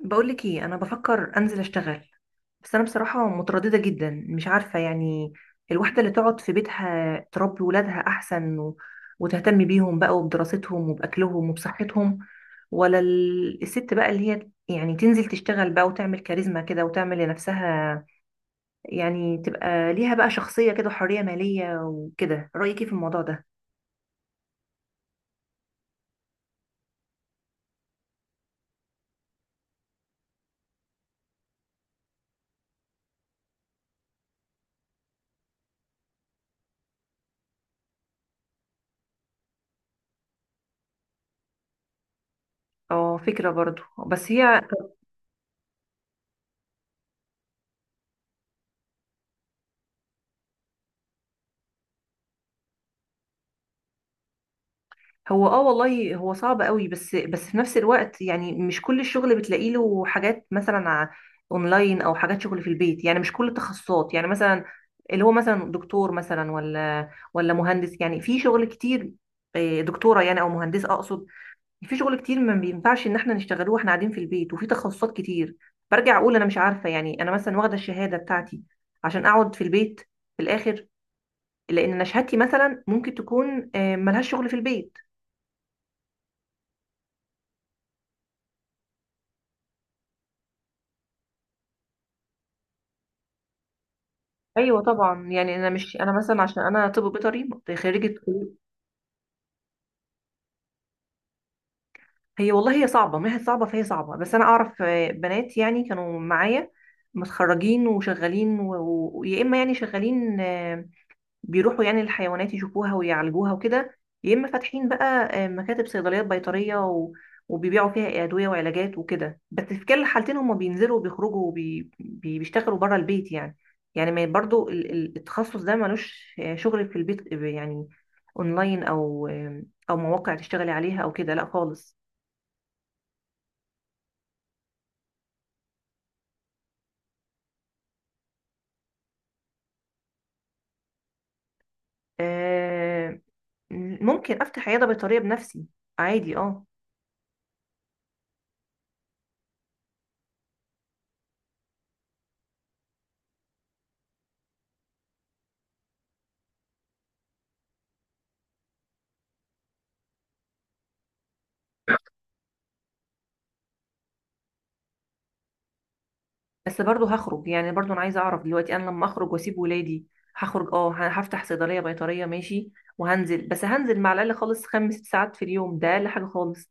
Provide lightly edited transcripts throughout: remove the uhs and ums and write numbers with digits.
بقولك ايه؟ انا بفكر انزل اشتغل، بس انا بصراحه متردده جدا، مش عارفه يعني الواحده اللي تقعد في بيتها تربي ولادها احسن و... وتهتم بيهم بقى وبدراستهم وباكلهم وبصحتهم، ولا الست بقى اللي هي يعني تنزل تشتغل بقى وتعمل كاريزما كده وتعمل لنفسها، يعني تبقى ليها بقى شخصيه كده وحريه ماليه وكده. رايك ايه في الموضوع ده؟ اه فكره برضو، بس هي، هو اه والله هو صعب قوي، بس في نفس الوقت يعني مش كل الشغل بتلاقي له حاجات، مثلا اونلاين او حاجات شغل في البيت، يعني مش كل التخصصات، يعني مثلا اللي هو مثلا دكتور مثلا ولا مهندس، يعني في شغل كتير. دكتورة يعني او مهندسة اقصد، في شغل كتير ما بينفعش ان احنا نشتغلوه واحنا قاعدين في البيت، وفي تخصصات كتير. برجع اقول انا مش عارفة، يعني انا مثلا واخدة الشهادة بتاعتي عشان اقعد في البيت في الاخر؟ لان انا شهادتي مثلا ممكن تكون ملهاش شغل في البيت. ايوه طبعا، يعني انا مش، انا مثلا عشان انا طب بيطري، خريجه طب. هي والله هي صعبه، ما هي صعبه، فهي صعبه، بس انا اعرف بنات يعني كانوا معايا متخرجين وشغالين، يا اما يعني شغالين بيروحوا يعني الحيوانات يشوفوها ويعالجوها وكده، يا اما فاتحين بقى مكاتب صيدليات بيطريه و... وبيبيعوا فيها ادويه وعلاجات وكده، بس في كل الحالتين هم بينزلوا وبيخرجوا وبيشتغلوا بره البيت يعني. يعني ما برضو التخصص ده ملوش شغل في البيت، يعني اونلاين او مواقع تشتغلي عليها او كده، لا خالص. آه، ممكن افتح عياده بيطريه بنفسي، عادي اه. بس برضه هخرج يعني، برضه انا عايزه اعرف دلوقتي انا لما اخرج واسيب ولادي. هخرج اه، هفتح صيدليه بيطريه ماشي، وهنزل، بس هنزل مع الاقل خالص خمس ست ساعات في اليوم، ده اقل حاجه خالص.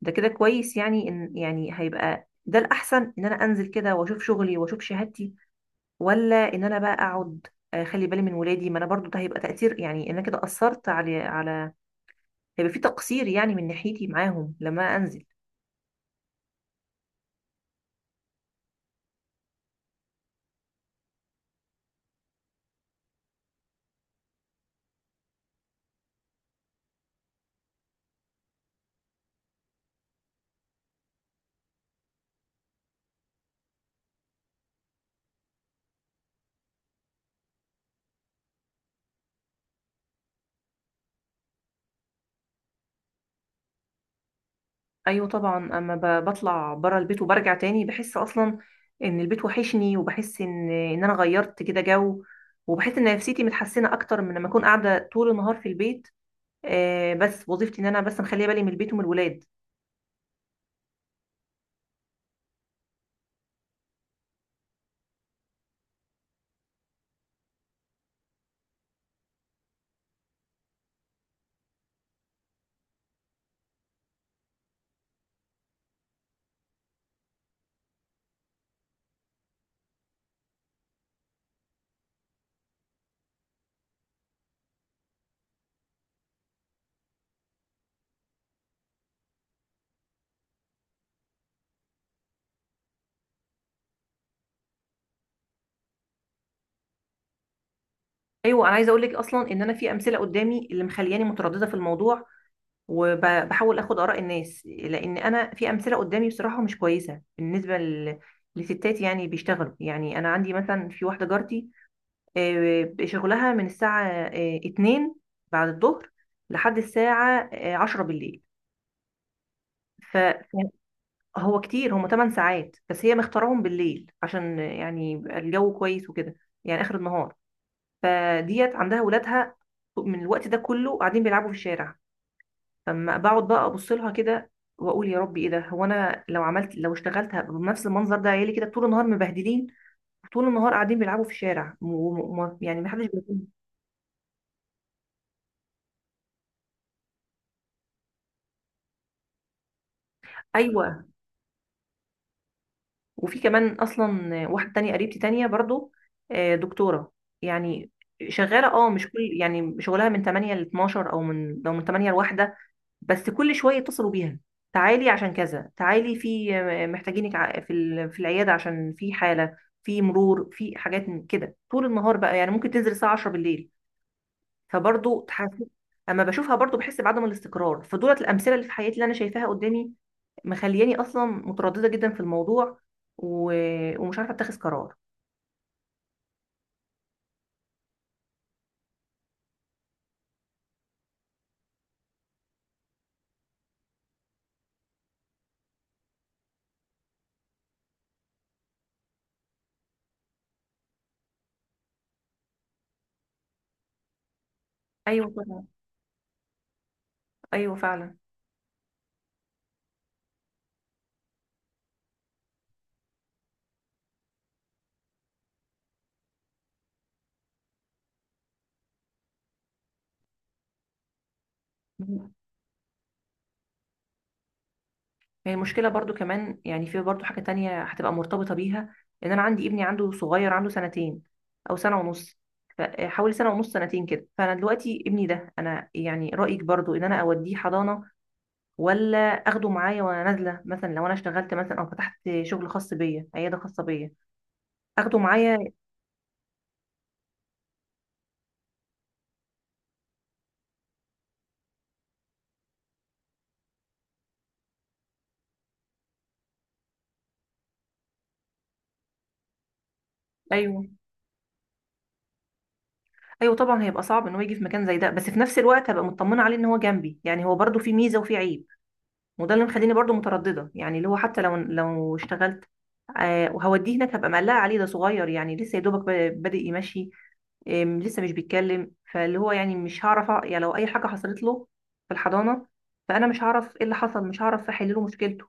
ده كده كويس يعني، ان يعني هيبقى ده الاحسن ان انا انزل كده واشوف شغلي واشوف شهادتي، ولا ان انا بقى اقعد خلي بالي من ولادي؟ ما انا برضه ده هيبقى تاثير، يعني إن انا كده اثرت على، هيبقى في تقصير يعني من ناحيتي معاهم لما انزل. ايوه طبعا، اما بطلع بره البيت وبرجع تاني بحس اصلا ان البيت وحشني، وبحس ان انا غيرت كده جو، وبحس ان نفسيتي متحسنه اكتر من لما اكون قاعده طول النهار في البيت. آه، بس وظيفتي ان انا بس مخليه بالي من البيت ومن الولاد. ايوه، انا عايزه اقول لك اصلا ان انا في امثله قدامي اللي مخلياني متردده في الموضوع، وبحاول اخد اراء الناس، لان انا في امثله قدامي بصراحه مش كويسه بالنسبه لستات يعني بيشتغلوا. يعني انا عندي مثلا في واحده جارتي، شغلها من الساعة 2 بعد الظهر لحد الساعة 10 بالليل. ف- فهو كتير، هم 8 ساعات، بس هي مختارهم بالليل عشان يعني يبقى الجو كويس وكده، يعني آخر النهار. فديت عندها ولادها من الوقت ده كله قاعدين بيلعبوا في الشارع، فما بقعد بقى ابص لها كده واقول يا ربي ايه ده، هو انا لو عملت، لو اشتغلت هبقى بنفس المنظر ده؟ عيالي كده طول النهار مبهدلين وطول النهار قاعدين بيلعبوا في الشارع يعني محدش بيكون. ايوه، وفي كمان اصلا واحده تانية قريبتي تانية برضو، دكتوره يعني شغاله اه، مش كل، يعني شغلها من 8 ل 12 او من 8 ل 1، بس كل شويه يتصلوا بيها، تعالي عشان كذا، تعالي في محتاجينك في في العياده عشان في حاله، في مرور، في حاجات من كده طول النهار بقى. يعني ممكن تنزل الساعه 10 بالليل، فبرضو تحس، اما بشوفها برضو بحس بعدم الاستقرار. فدولت الامثله اللي في حياتي اللي انا شايفاها قدامي مخلياني اصلا متردده جدا في الموضوع، و... ومش عارفه اتخذ قرار. ايوه طبعا. ايوه فعلا. هي المشكله برضو كمان، يعني في برضو حاجه تانية هتبقى مرتبطه بيها، ان انا عندي ابني عنده صغير، عنده سنتين او سنه ونص. حوالي سنه ونص سنتين كده، فانا دلوقتي ابني ده انا، يعني رايك برضو ان انا اوديه حضانه، ولا اخده معايا وانا نازله مثلا، لو انا اشتغلت مثلا او فتحت شغل خاص بيا، عياده خاصه بيا اخده معايا؟ ايوه. ايوه طبعا، هيبقى صعب ان هو يجي في مكان زي ده، بس في نفس الوقت هبقى مطمنه عليه ان هو جنبي، يعني هو برضو في ميزه وفي عيب، وده اللي مخليني برضو متردده. يعني اللي هو حتى لو، لو اشتغلت آه وهوديه هناك هبقى مقلقه عليه، ده صغير يعني لسه يا دوبك بادئ يمشي، لسه مش بيتكلم، فاللي هو يعني مش هعرف يعني لو اي حاجه حصلت له في الحضانه فانا مش هعرف ايه اللي حصل، مش هعرف احل له مشكلته،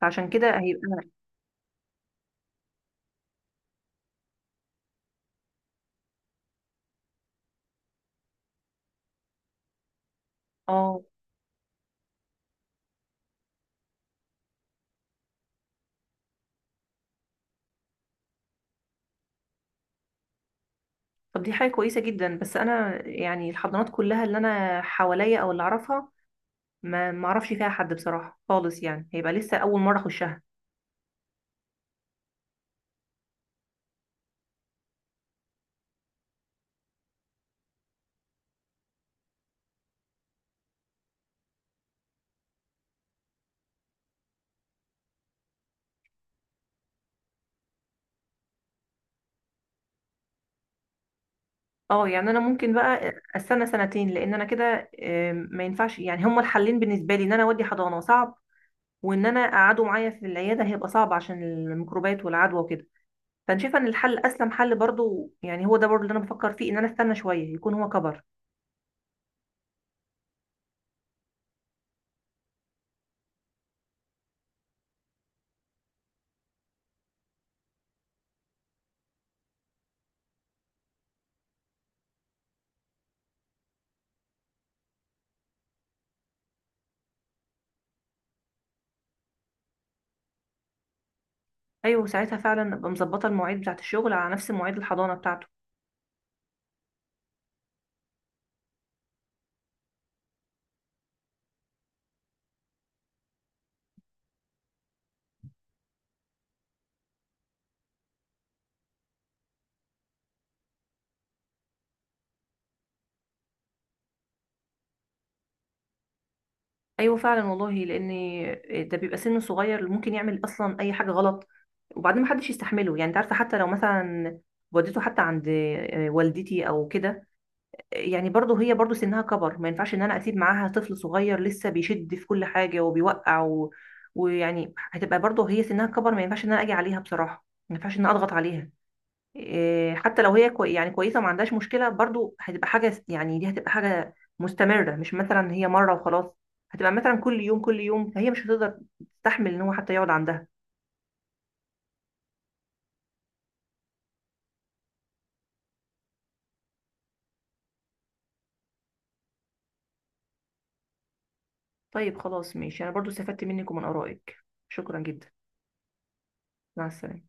فعشان كده هيبقى اه. طب دي حاجه كويسه جدا، بس انا يعني الحضانات كلها اللي انا حواليا او اللي اعرفها ما اعرفش فيها حد بصراحه خالص، يعني هيبقى لسه اول مره اخشها. اه، يعني انا ممكن بقى استنى سنتين، لان انا كده ما ينفعش يعني، هما الحلين بالنسبه لي ان انا اودي حضانه صعب، وان انا اقعده معايا في العياده هيبقى صعب عشان الميكروبات والعدوى وكده. فانا شايفه ان الحل اسلم حل برضو، يعني هو ده برضو اللي انا بفكر فيه، ان انا استنى شويه يكون هو كبر. ايوه ساعتها فعلا ابقى مظبطه المواعيد بتاعه الشغل على نفس مواعيد الحضانه بتاعته. ايوه فعلا والله، لان ده بيبقى سن صغير اللي ممكن يعمل اصلا اي حاجه غلط، وبعدين محدش يستحمله. يعني انت عارفه، حتى لو مثلا وديته حتى عند والدتي او كده، يعني برضه هي برضه سنها كبر، ما ينفعش ان انا اسيب معاها طفل صغير لسه بيشد في كل حاجه وبيوقع و... ويعني هتبقى برضه هي سنها كبر، ما ينفعش ان انا اجي عليها بصراحه، ما ينفعش ان انا اضغط عليها. حتى لو هي كوي يعني كويسه وما عندهاش مشكله، برضو هتبقى حاجه، يعني دي هتبقى حاجه مستمره، مش مثلا هي مره وخلاص، هتبقى مثلا كل يوم كل يوم، فهي مش هتقدر تستحمل ان هو حتى يقعد عندها. طيب خلاص ماشي، انا برضو استفدت منك ومن ارائك، شكرا جدا. مع السلامه.